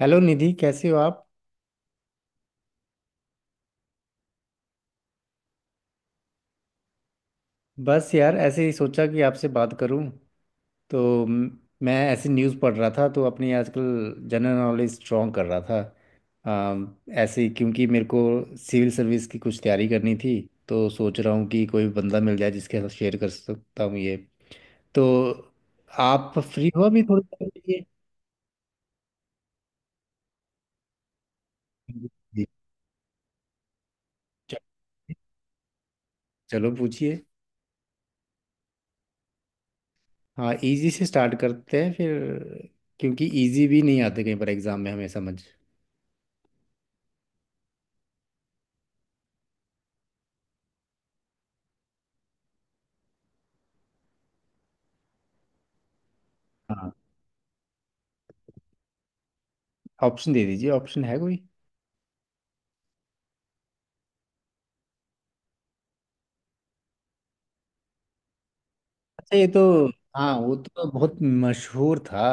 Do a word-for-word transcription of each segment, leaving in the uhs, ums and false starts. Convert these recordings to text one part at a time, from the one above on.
Hello Nidhi, कैसे हो आप? बस यार, ऐसे ही सोचा कि आपसे बात करूं। तो म- मैं ऐसी न्यूज़ पढ़ रहा था, तो अपनी आजकल जनरल नॉलेज स्ट्रॉन्ग कर रहा था अम, ऐसे ही, क्योंकि मेरे को सिविल सर्विस की कुछ तैयारी करनी थी। तो सोच रहा हूँ कि कोई बंदा मिल जाए जिसके साथ शेयर कर सकता हूँ ये। तो आप फ्री हो अभी थोड़ी देर के लिए? जी, जी। चलिए, चलो पूछिए। हाँ, इजी से स्टार्ट करते हैं फिर, क्योंकि इजी भी नहीं आते कहीं पर एग्जाम में हमें समझ। ऑप्शन दे दीजिए। ऑप्शन है कोई? अच्छा ये तो। हाँ वो तो बहुत मशहूर था।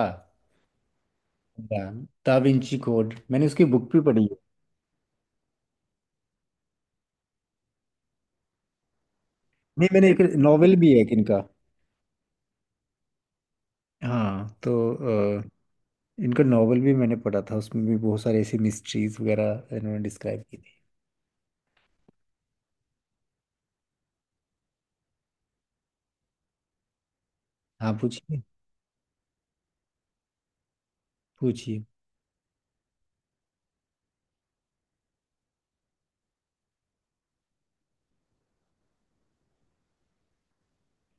दा विंची कोड, मैंने उसकी बुक भी पढ़ी है। नहीं, मैंने एक नॉवेल भी है एक इनका। हाँ तो अ, इनका नॉवेल भी मैंने पढ़ा था, उसमें भी बहुत सारे ऐसी मिस्ट्रीज वगैरह इन्होंने डिस्क्राइब की थी। हाँ पूछिए। पूछिए।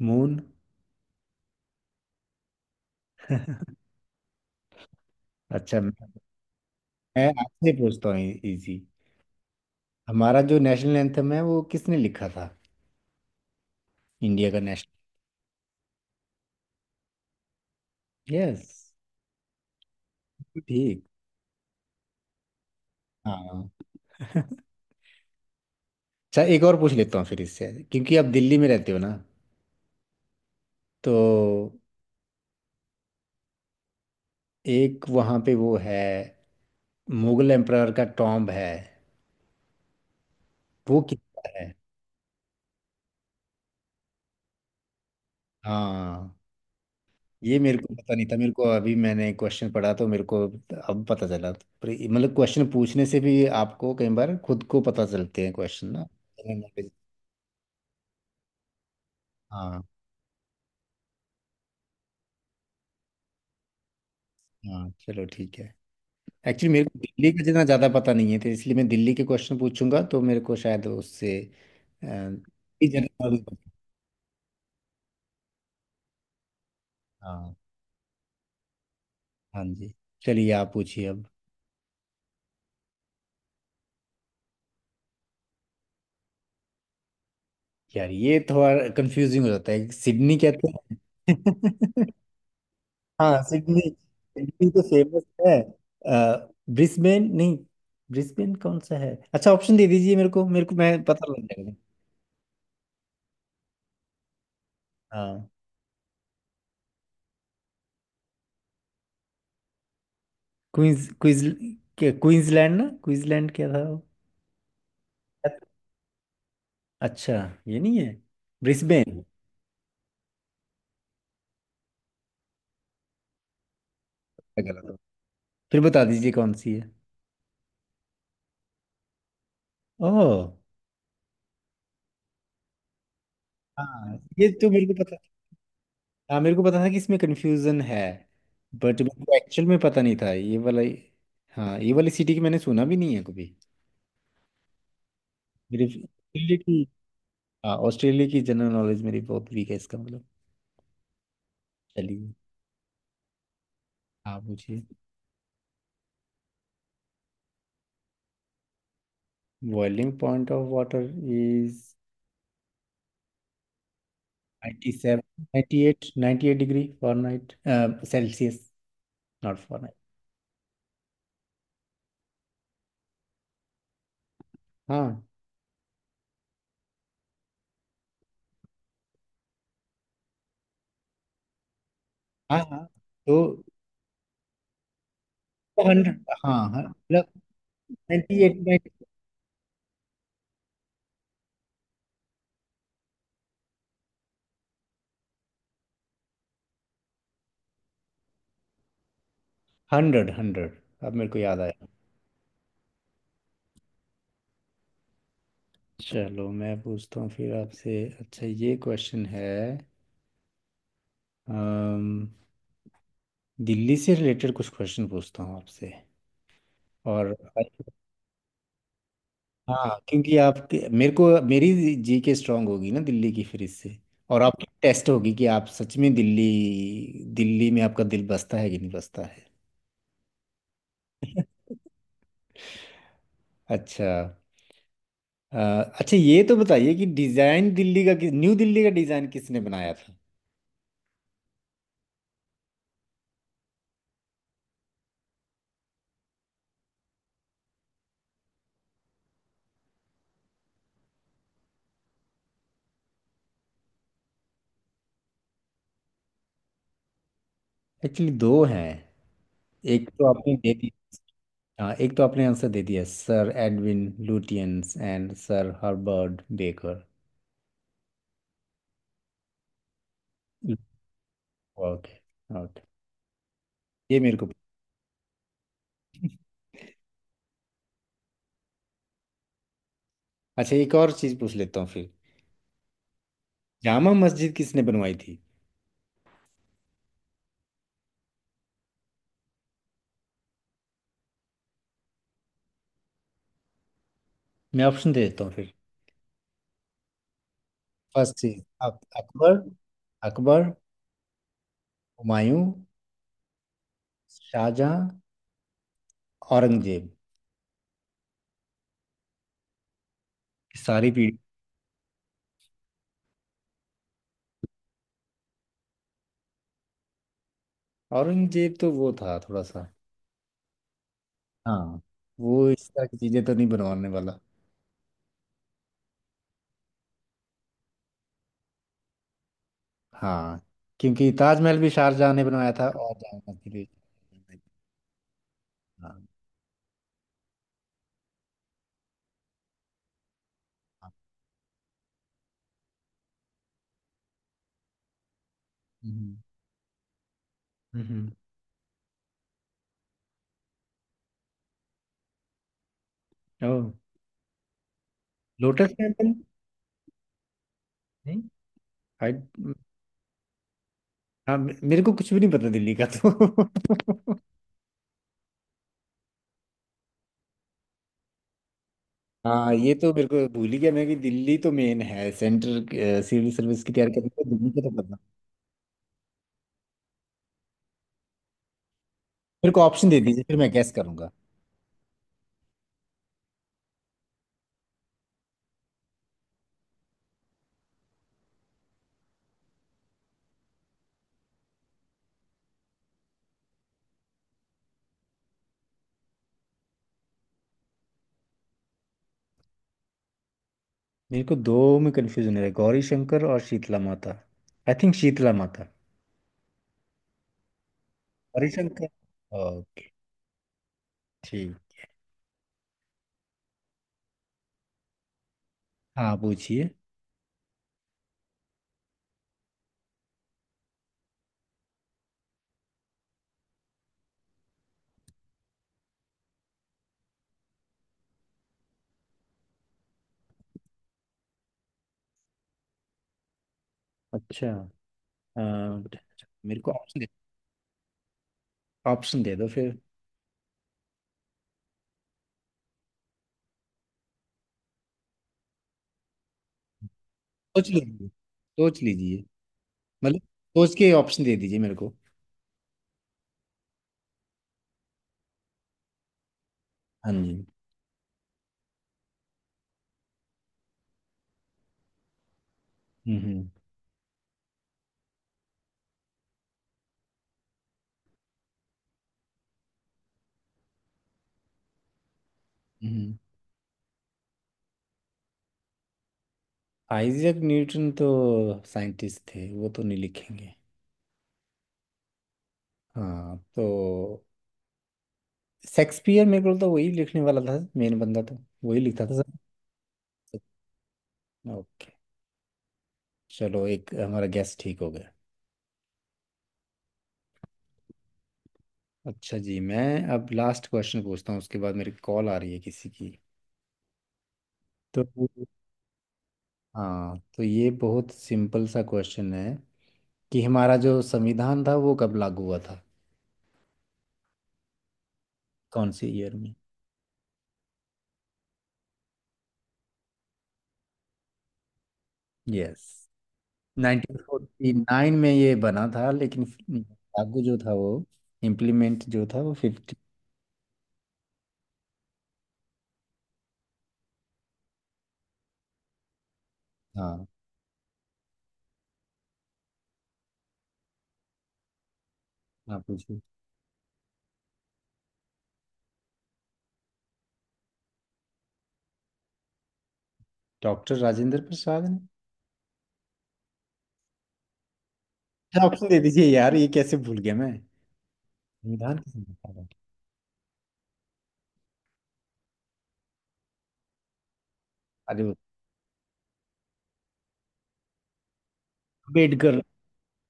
मून। अच्छा मैं मैं आपसे पूछता हूँ। इजी। हमारा जो नेशनल एंथम है वो किसने लिखा था? इंडिया का नेशनल। यस। ठीक। हाँ। अच्छा एक और पूछ लेता हूँ फिर इससे, क्योंकि आप दिल्ली में रहते हो ना। तो एक वहाँ पे वो है, मुगल एम्परर का टॉम्ब है, वो किसका है? हाँ ये मेरे को पता नहीं था। मेरे को अभी मैंने क्वेश्चन पढ़ा तो मेरे को अब पता चला। पर ये- मतलब क्वेश्चन पूछने से भी आपको कई बार खुद को पता चलते हैं क्वेश्चन ना। General knowledge. हाँ। हाँ चलो ठीक है। एक्चुअली मेरे को दिल्ली का जितना ज़्यादा पता नहीं है, तो इसलिए मैं दिल्ली के क्वेश्चन पूछूंगा तो मेरे को शायद उससे अ, जनरल नॉलेज। हाँ। हाँ जी। चलिए आप पूछिए अब। यार ये थोड़ा कंफ्यूजिंग हो जाता है, सिडनी कहते हैं। हाँ सिडनी। सिडनी तो फेमस है। अ, ब्रिस्बेन नहीं? ब्रिस्बेन कौन सा है? अच्छा ऑप्शन दे दीजिए मेरे को। मेरे को मैं पता लग जाएगा। हाँ क्वींस क्वींस क्या क्वींसलैंड ना? क्वींसलैंड क्या था वो? अच्छा, ये नहीं है। ब्रिस्बेन? गलत हो। फिर बता दीजिए कौन सी है। ओह। हाँ ये तो मेरे को पता। हाँ मेरे को पता था कि इसमें कंफ्यूजन है। बट मेरे को एक्चुअल में पता नहीं था ये वाला। हाँ, ये वाली सिटी की मैंने सुना भी नहीं है कभी, मेरे ऑस्ट्रेलिया की। हाँ ऑस्ट्रेलिया की जनरल नॉलेज मेरी बहुत वीक है इसका मतलब। चलिए, आप पूछिए। Boiling point of water is निन्यानवे, ninety eight, ninety eight degree Fahrenheit. Celsius, not Fahrenheit. हाँ, हाँ। हाँ तो हंड्रेड। हाँ, हाँ मतलब अट्ठानवे। Hundred, hundred. अब मेरे को याद आया। चलो मैं पूछता हूँ फिर आपसे। अच्छा ये क्वेश्चन है, अम, दिल्ली से रिलेटेड कुछ क्वेश्चन पूछता हूँ आपसे। और अच्छा। हाँ क्योंकि आपके मेरे को मेरी जी के स्ट्रांग होगी ना दिल्ली की फिर इससे, और आपकी टेस्ट होगी कि आप सच में दिल्ली दिल्ली में आपका दिल बसता है कि नहीं बसता है। अच्छा अ, अच्छा ये तो बताइए कि डिज़ाइन दिल्ली का किस- न्यू दिल्ली का डिज़ाइन किसने बनाया था? एक्चुअली दो हैं। एक तो आपने दे दी। हाँ एक तो आपने आंसर दे दिया, sir Edwin Lutyens and sir Herbert Baker. Okay. Okay. ये मेरे को। अच्छा एक और चीज पूछ लेता हूँ फिर। जामा मस्जिद किसने बनवाई थी? मैं ऑप्शन दे देता हूँ फिर। फर्स्ट चीज अक, अकबर। अकबर, हुमायूं, शाहजहां, औरंगजेब। सारी पीढ़ी। औरंगजेब तो वो था थोड़ा सा। हाँ, वो इस तरह की चीजें तो नहीं बनवाने वाला। हाँ क्योंकि ताजमहल भी शाहजहां ने बनवाया था और जामा मस्जिद भी। हाँ। Hmm. Hmm. Oh. Lotus temple. नहीं? आई। हाँ मे- मेरे को कुछ भी नहीं पता दिल्ली का तो। हाँ ये तो मेरे को भूल ही गया मैं कि दिल्ली तो मेन है सेंटर सिविल सर्विस की तैयारी करने के लिए, दिल्ली का तो पता। मेरे को ऑप्शन दे दीजिए फिर मैं गैस करूंगा। मेरे को दो में कंफ्यूजन हो रहा है, गौरी शंकर और शीतला माता। आई थिंक शीतला माता। गौरी शंकर। ओके। ठीक। हाँ पूछिए। अच्छा अ, मेरे को ऑप्शन दे। ऑप्शन दे दो फिर। सोच लीजिए, सोच लीजिए। मतलब सोच के ऑप्शन दे दीजिए मेरे को। हाँ जी। हम्म। हम्म। आइजैक न्यूटन तो साइंटिस्ट थे, वो तो नहीं लिखेंगे। हाँ तो शेक्सपियर, मेरे को तो वही लिखने वाला था, मेन बंदा तो वही लिखता था। सर। ओके। चलो एक हमारा गैस ठीक हो गया। अच्छा जी, मैं अब लास्ट क्वेश्चन पूछता हूँ, उसके बाद मेरी कॉल आ रही है किसी की। तो हाँ तो ये बहुत सिंपल सा क्वेश्चन है कि हमारा जो संविधान था वो कब लागू हुआ था? कौन से ईयर में? यस। नाइन्टीन फ़ोर्टी नाइन में ये बना था, लेकिन लागू जो था वो, इम्प्लीमेंट जो था वो फिफ्टी। हाँ। आप पूछिए। डॉक्टर राजेंद्र प्रसाद ने। अच्छा, ऑप्शन दे दीजिए यार, ये कैसे भूल गया मैं। संविधान किसने लिखा था? अरे वो अम्बेडकर।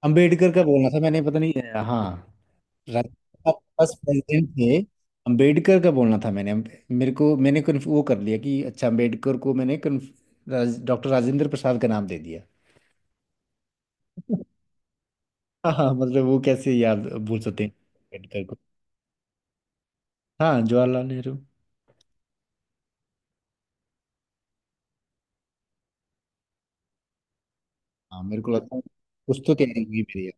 अम्बेडकर का बोलना था मैंने, पता नहीं। हाँ। राजेंद्र फर्स्ट प्रेसिडेंट थे। अम्बेडकर का बोलना था मैंने, मेरे को मैंने कन्फ- वो कर लिया कि अच्छा अम्बेडकर को मैंने डॉक्टर राजेंद्र प्रसाद का नाम दे दिया। हाँ, हाँ मतलब वो कैसे याद भूल सकते हैं अम्बेडकर को। हाँ, जवाहरलाल नेहरू। हाँ मेरे को लगता है कुछ तो तैयारी हुई मेरी।